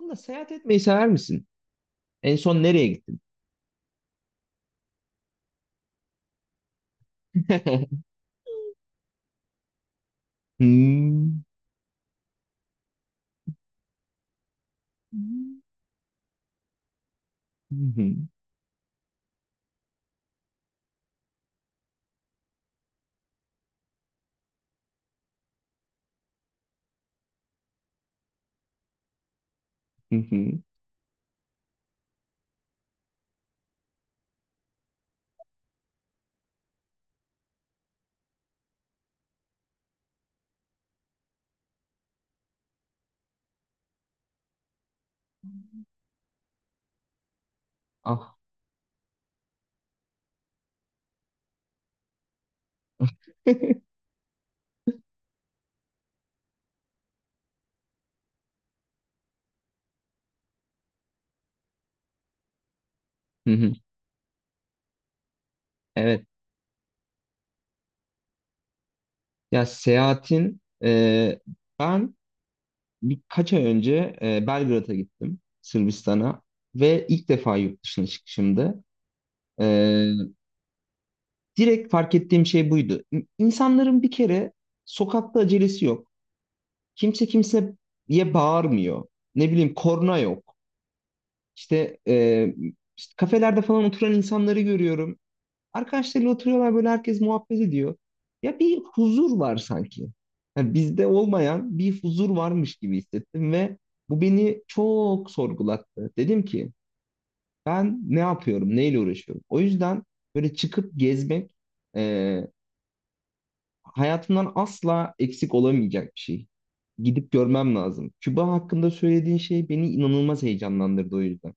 Ama seyahat etmeyi sever misin? En son nereye gittin? Hmm. Hı hı, hı hı. Ah. Hı hı, evet. Ya seyahatin ben birkaç ay önce Belgrad'a gittim, Sırbistan'a ve ilk defa yurt dışına çıkışımdı. E, Direkt fark ettiğim şey buydu. İnsanların bir kere sokakta acelesi yok. Kimse kimseye bağırmıyor. Ne bileyim korna yok. İşte, işte kafelerde falan oturan insanları görüyorum. Arkadaşlarıyla oturuyorlar, böyle herkes muhabbet ediyor. Ya bir huzur var sanki. Yani bizde olmayan bir huzur varmış gibi hissettim ve bu beni çok sorgulattı. Dedim ki ben ne yapıyorum, neyle uğraşıyorum? O yüzden böyle çıkıp gezmek e, hayatımdan asla eksik olamayacak bir şey. Gidip görmem lazım. Küba hakkında söylediğin şey beni inanılmaz heyecanlandırdı o yüzden.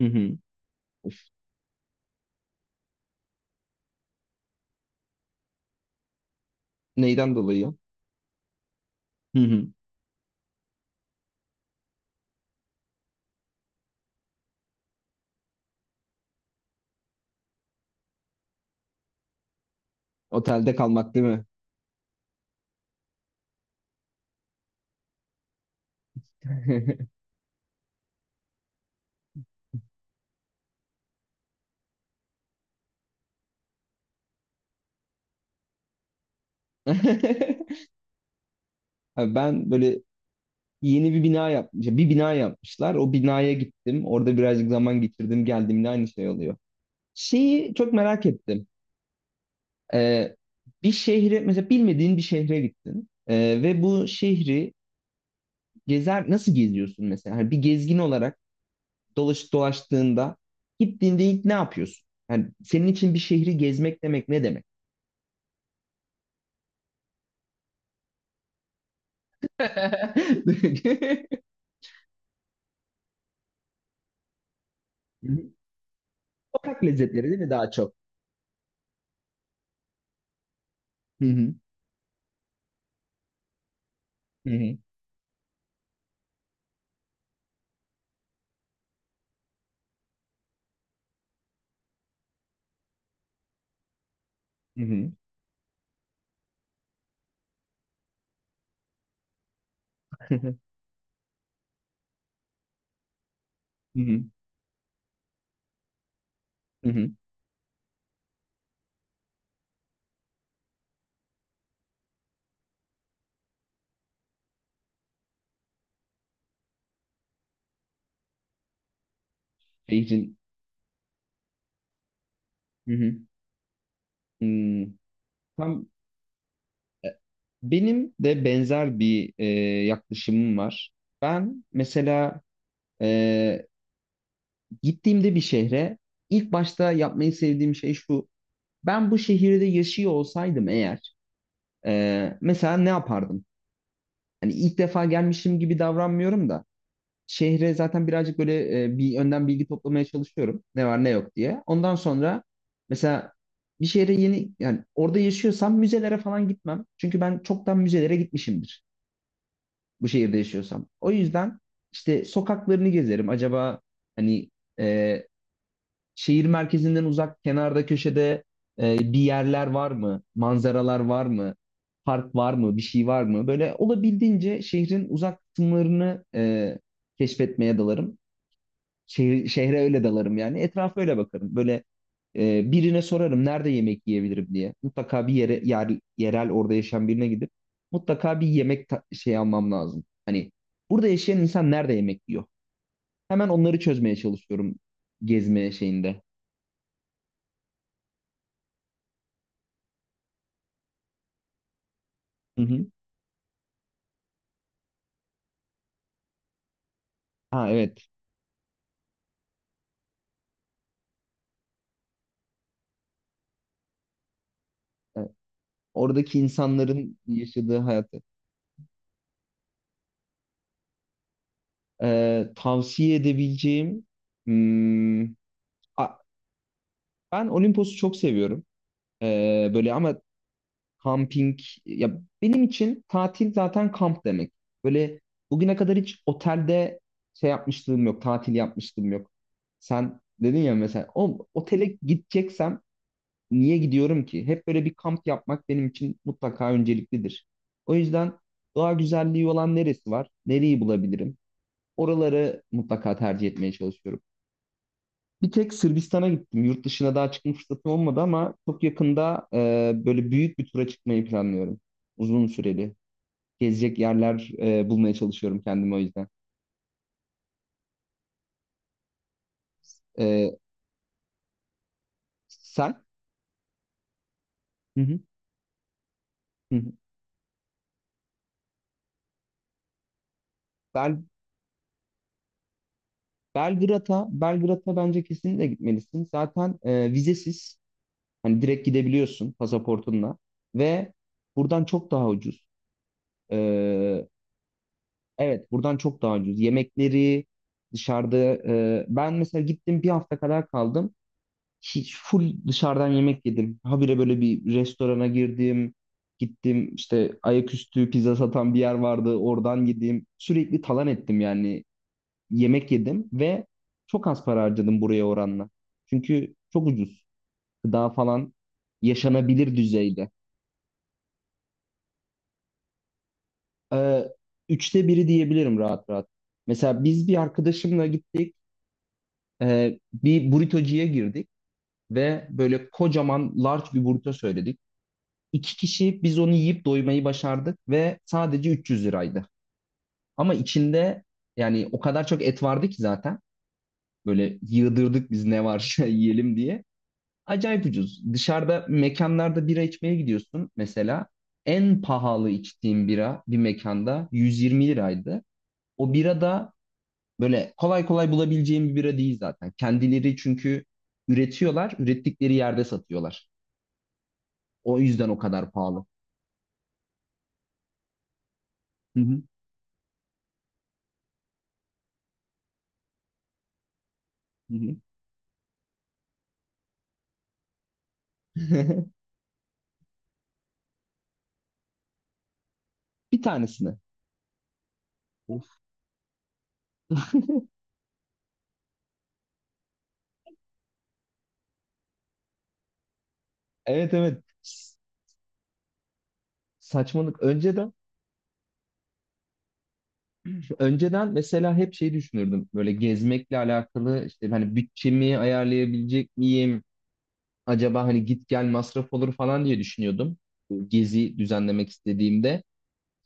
Hı hı. Neyden dolayı? Hı hı. Otelde kalmak değil mi? Abi, ben böyle yeni bir bina yapmış, bir bina yapmışlar. O binaya gittim. Orada birazcık zaman geçirdim. Geldiğimde aynı şey oluyor. Şeyi çok merak ettim. Ee, bir şehre, mesela bilmediğin bir şehre gittin. Ve bu şehri gezer, nasıl geziyorsun mesela? Hani bir gezgin olarak dolaştığında, gittiğinde ilk ne yapıyorsun? Yani senin için bir şehri gezmek demek ne demek? Sokak lezzetleri değil mi daha çok? Hı hı. Hı hı. Hı hı. Hı hı. Hı hı. Beyzin. Hı hı. Hmm. Tam e, benim de benzer bir yaklaşımım var. Ben mesela e, gittiğimde bir şehre ilk başta yapmayı sevdiğim şey şu. Ben bu şehirde yaşıyor olsaydım eğer mesela ne yapardım? Hani ilk defa gelmişim gibi davranmıyorum da şehre zaten birazcık böyle bir yönden bilgi toplamaya çalışıyorum. Ne var ne yok diye. Ondan sonra mesela bir şehre yeni, yani orada yaşıyorsam müzelere falan gitmem. Çünkü ben çoktan müzelere gitmişimdir bu şehirde yaşıyorsam. O yüzden işte sokaklarını gezerim. Acaba hani e, şehir merkezinden uzak kenarda köşede bir yerler var mı? Manzaralar var mı? Park var mı? Bir şey var mı? Böyle olabildiğince şehrin uzak kısımlarını keşfetmeye dalarım. Şehre öyle dalarım yani. Etrafa öyle bakarım. Böyle birine sorarım nerede yemek yiyebilirim diye. Mutlaka bir yere yerel orada yaşayan birine gidip mutlaka bir yemek şey almam lazım. Hani burada yaşayan insan nerede yemek yiyor? Hemen onları çözmeye çalışıyorum gezme şeyinde. Hı hı. Ha, evet. E, oradaki insanların yaşadığı hayatı. Tavsiye edebileceğim hmm, a- ben Olimpos'u çok seviyorum. E, böyle ama kamping, ya benim için tatil zaten kamp demek. Böyle bugüne kadar hiç otelde şey yapmışlığım yok, tatil yapmışlığım yok. Sen dedin ya, mesela o otele gideceksem niye gidiyorum ki? Hep böyle bir kamp yapmak benim için mutlaka önceliklidir. O yüzden doğa güzelliği olan neresi var? Nereyi bulabilirim? Oraları mutlaka tercih etmeye çalışıyorum. Bir tek Sırbistan'a gittim. Yurt dışına daha çıkma fırsatım olmadı ama çok yakında böyle büyük bir tura çıkmayı planlıyorum. Uzun süreli. Gezecek yerler bulmaya çalışıyorum kendime o yüzden. E, sen? Hı hı, hı hı. Bel, Belgrad'a bence kesinlikle gitmelisin. Zaten vizesiz. Hani direkt gidebiliyorsun pasaportunla. Ve buradan çok daha ucuz. E, evet, buradan çok daha ucuz. Yemekleri dışarıda. E, ben mesela gittim, bir hafta kadar kaldım. Hiç full dışarıdan yemek yedim. Habire böyle bir restorana girdim. Gittim, işte ayaküstü pizza satan bir yer vardı. Oradan yedim. Sürekli talan ettim yani. Yemek yedim ve çok az para harcadım buraya oranla. Çünkü çok ucuz. Gıda falan yaşanabilir düzeyde. Ee, üçte biri diyebilirim rahat rahat. Mesela biz bir arkadaşımla gittik. Bir burritocuya girdik ve böyle kocaman large bir burrito söyledik. İki kişi biz onu yiyip doymayı başardık ve sadece 300 liraydı. Ama içinde, yani o kadar çok et vardı ki zaten. Böyle yığdırdık biz ne varsa yiyelim diye. Acayip ucuz. Dışarıda mekanlarda bira içmeye gidiyorsun mesela. En pahalı içtiğim bira bir mekanda 120 liraydı. O bira da böyle kolay kolay bulabileceğim bir bira değil zaten. Kendileri çünkü üretiyorlar, ürettikleri yerde satıyorlar. O yüzden o kadar pahalı. Hı hı. Hı hı. Bir tanesini. Of. Evet, evet. Saçmalık. Önceden mesela hep şey düşünürdüm. Böyle gezmekle alakalı işte hani bütçemi ayarlayabilecek miyim? Acaba hani git gel masraf olur falan diye düşünüyordum. Bu gezi düzenlemek istediğimde.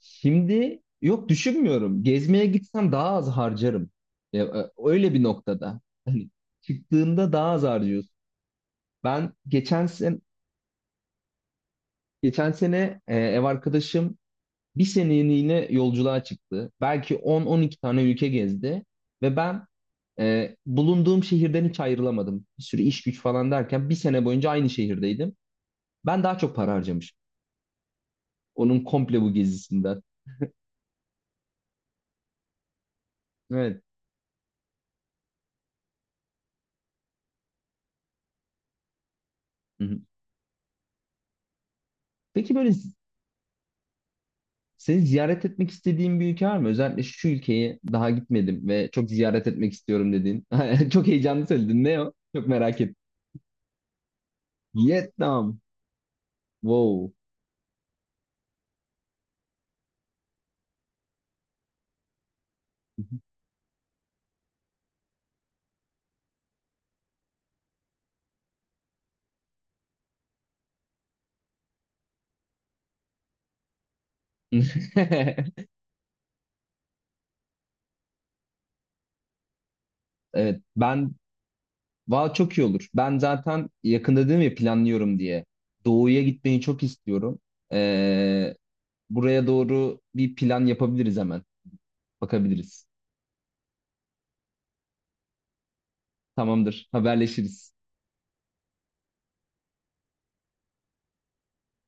Şimdi yok, düşünmüyorum. Gezmeye gitsem daha az harcarım. Ya, öyle bir noktada. Hani çıktığında daha az harcıyorsun. Ben geçen sen Geçen sene ev arkadaşım bir seneliğine yolculuğa çıktı. Belki on-on iki tane ülke gezdi ve ben bulunduğum şehirden hiç ayrılamadım. Bir sürü iş güç falan derken bir sene boyunca aynı şehirdeydim. Ben daha çok para harcamışım. Onun komple bu gezisinden. Evet. Hı-hı. Peki böyle seni ziyaret etmek istediğin bir ülke var mı? Özellikle şu ülkeyi daha gitmedim ve çok ziyaret etmek istiyorum dediğin. Çok heyecanlı söyledin. Ne o? Çok merak ettim. Vietnam. Wow. Evet. Ben valla çok iyi olur. Ben zaten yakında dedim ya planlıyorum diye. Doğu'ya gitmeyi çok istiyorum. Ee, buraya doğru bir plan yapabiliriz hemen. Bakabiliriz. Tamamdır. Haberleşiriz.